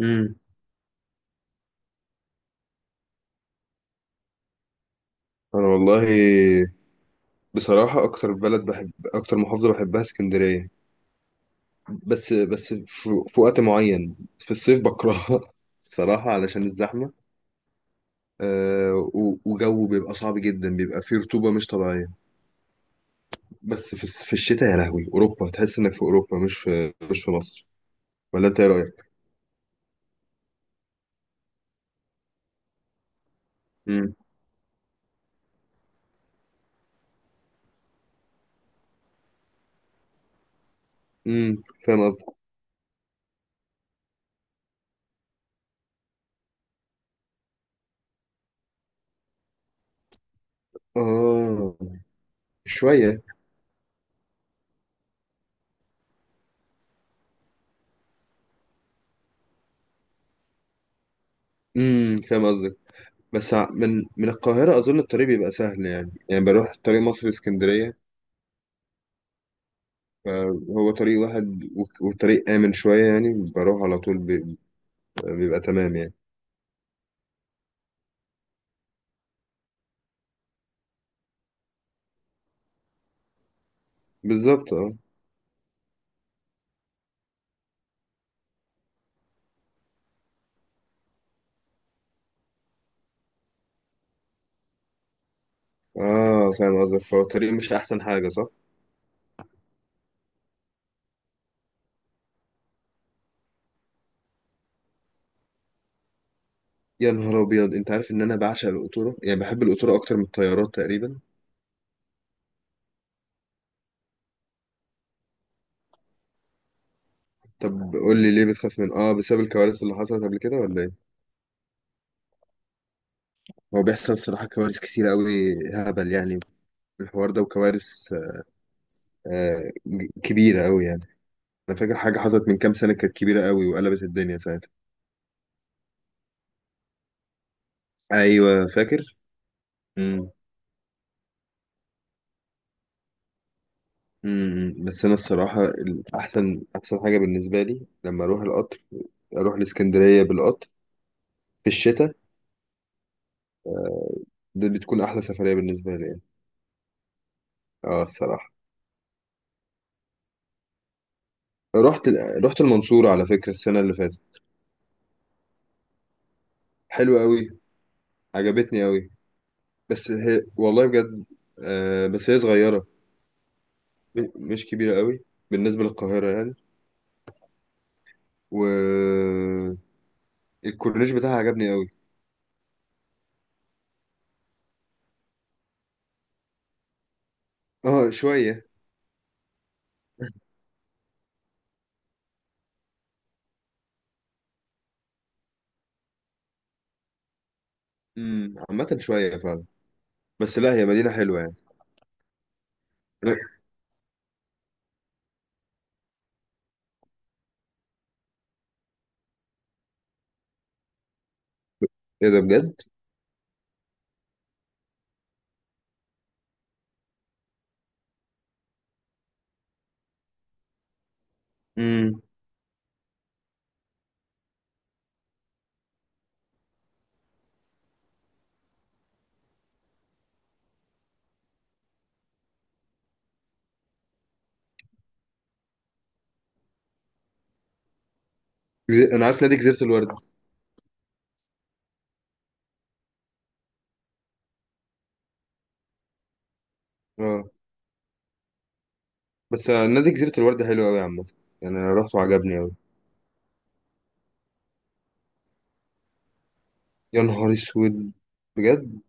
امم انا والله، بصراحة اكتر بلد بحب، اكتر محافظة بحبها اسكندرية. بس في وقت معين في الصيف بكرهها الصراحة علشان الزحمة. وجو بيبقى صعب جدا، بيبقى فيه رطوبة مش طبيعية. بس في الشتاء، يا لهوي اوروبا، تحس انك في اوروبا، مش في مصر. ولا انت ايه رأيك؟ امم فاهم قصدك. اه، شوية. فاهم قصدك. بس من القاهرة أظن الطريق بيبقى سهل، يعني بروح طريق مصر اسكندرية. فهو طريق واحد، وطريق آمن شوية، يعني بروح على طول بيبقى تمام يعني. بالظبط، اه، اه، فاهم قصدك. فهو الطريق مش أحسن حاجة، صح؟ يا نهار أبيض! أنت عارف إن أنا بعشق القطورة، يعني بحب القطورة أكتر من الطيارات تقريبا. طب قول لي، ليه بتخاف من بسبب الكوارث اللي حصلت قبل كده، ولا ايه؟ هو بيحصل صراحة كوارث كتير قوي هبل، يعني في الحوار ده، وكوارث كبيرة قوي يعني. أنا فاكر حاجة حصلت من كام سنة، كانت كبيرة قوي وقلبت الدنيا ساعتها. ايوه، فاكر؟ بس انا الصراحه، احسن حاجه بالنسبه لي لما اروح القطر، اروح الاسكندريه بالقطر في الشتاء. دي بتكون احلى سفريه بالنسبه لي يعني. اه الصراحه. رحت رحت المنصوره على فكره السنه اللي فاتت. حلوه قوي، عجبتني قوي. بس هي والله بجد، بس هي صغيره، مش كبيره قوي بالنسبه للقاهره يعني. والكورنيش بتاعها عجبني قوي. اه، شويه. عامه شويه فعلا. بس لا، هي مدينه حلوه يعني. ايه ده؟ بجد! امم انا عارف نادي جزيرة الورد. اه، بس نادي جزيرة الورد حلو قوي عامة، يعني انا رحت وعجبني قوي. يا نهار اسود! بجد!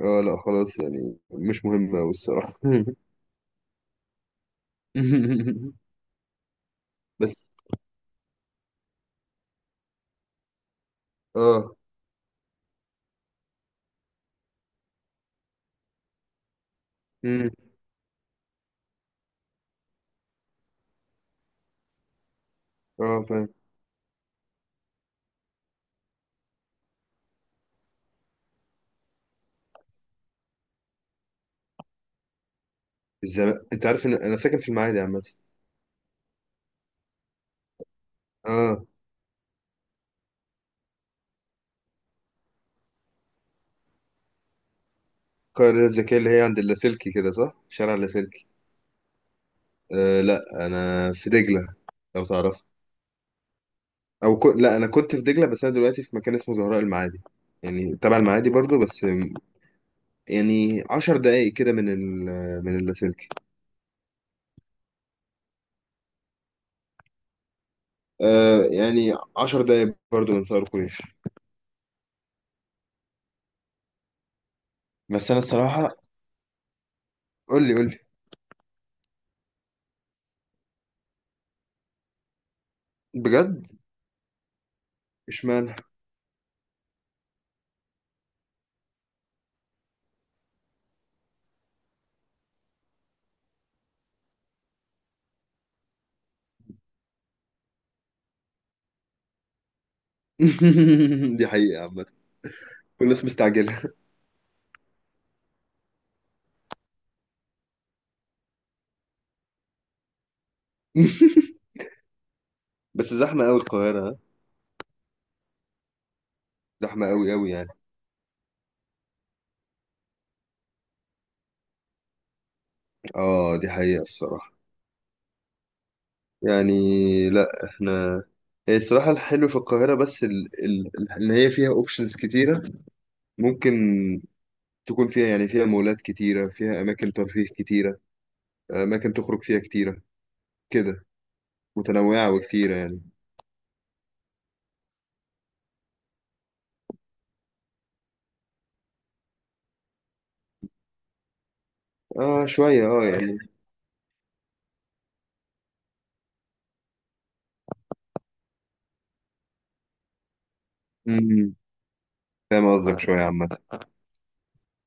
اه، لا خلاص يعني، مش مهم قوي الصراحة. بس، اه، امم، اه، فاهم. الزمالك، انت عارف ان انا ساكن في المعادي عامة. اه. القرية الذكية اللي هي عند اللاسلكي كده، صح؟ شارع اللاسلكي. آه لا، انا في دجلة، لو تعرف. لا، انا كنت في دجلة، بس انا دلوقتي في مكان اسمه زهراء المعادي، يعني تبع المعادي برضو بس. يعني 10 دقايق كده من اللاسلكي. آه، يعني عشر دقايق برضو من ثائر قريش. بس أنا الصراحة، قول لي، قول لي. بجد؟ اشمعنى؟ دي حقيقة عامة، والناس مستعجلة. بس زحمة أوي القاهرة، ها؟ زحمة أوي أوي يعني. اه، دي حقيقة الصراحة يعني. لا احنا، هي الصراحة الحلو في القاهرة بس إن هي فيها أوبشنز كتيرة. ممكن تكون فيها، يعني فيها مولات كتيرة، فيها أماكن ترفيه كتيرة، أماكن تخرج فيها كتيرة كده، متنوعة وكتيرة يعني. اه شوية، اه يعني. امم فاهم قصدك، شوية عامة.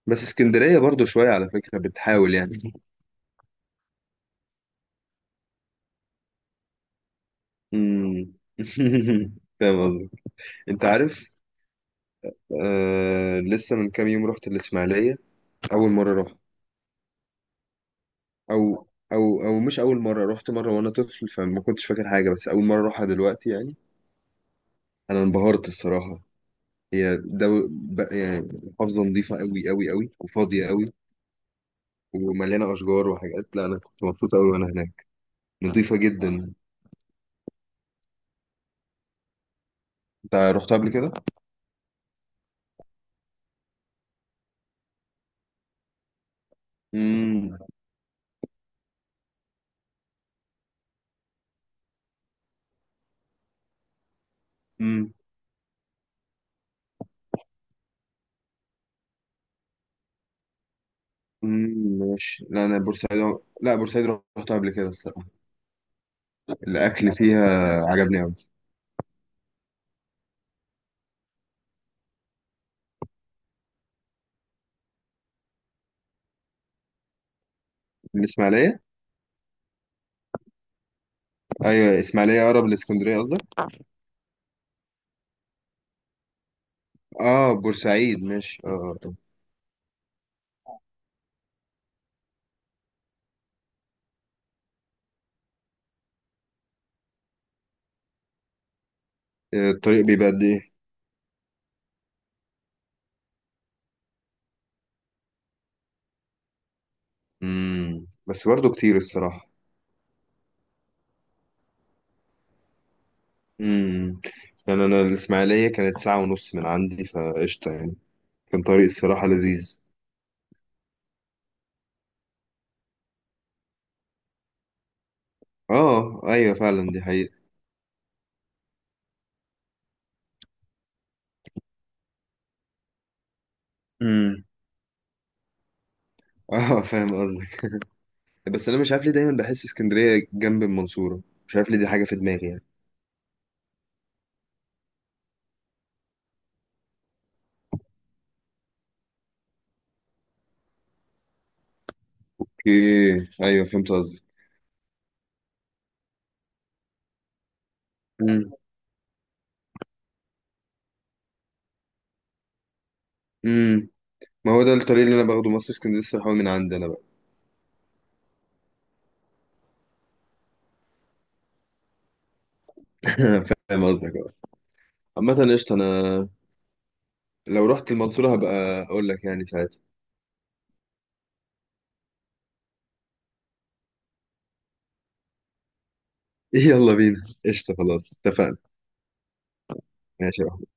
بس اسكندرية برضو شوية، على فكرة بتحاول يعني. امم فاهم قصدك. انت عارف، آه لسه من كام يوم رحت الإسماعيلية أول مرة رحت، أو أو مش أول مرة، رحت مرة وأنا طفل فما كنتش فاكر حاجة، بس أول مرة أروحها دلوقتي يعني. أنا انبهرت الصراحة. هي يعني محافظة نظيفة أوي أوي أوي، وفاضية أوي ومليانة أشجار وحاجات. لا، أنا كنت مبسوط أوي وأنا هناك، نضيفة جدا. انت رحتها قبل كده؟ امم امم ماشي. لا، انا بورسعيد، لا بورسعيد رحتها قبل كده الصراحة. الاكل فيها عجبني قوي. الاسماعيلية؟ ايوه، الاسماعيلية اقرب لاسكندرية قصدك؟ اه، بورسعيد، ماشي، اه. آه. الطريق بيبقى قد ايه؟ بس برضه كتير الصراحة. امم يعني انا الاسماعيلية كانت ساعة ونص من عندي فقشطة يعني. كان طريق الصراحة لذيذ. اه، ايوه فعلا، دي حقيقة. امم، اه، فاهم قصدك. بس انا مش عارف ليه دايما بحس اسكندريه جنب المنصوره، مش عارف ليه، دي حاجه في دماغي يعني. اوكي، ايوه فهمت قصدي. امم امم ما هو ده الطريق اللي انا باخده، مصر اسكندريه الصراحه من عندي انا بقى. فاهم قصدك بقى. عامه قشطه، انا لو رحت المنصوره هبقى اقول لك يعني ساعتها. يلا بينا، قشطه، خلاص اتفقنا. ماشي.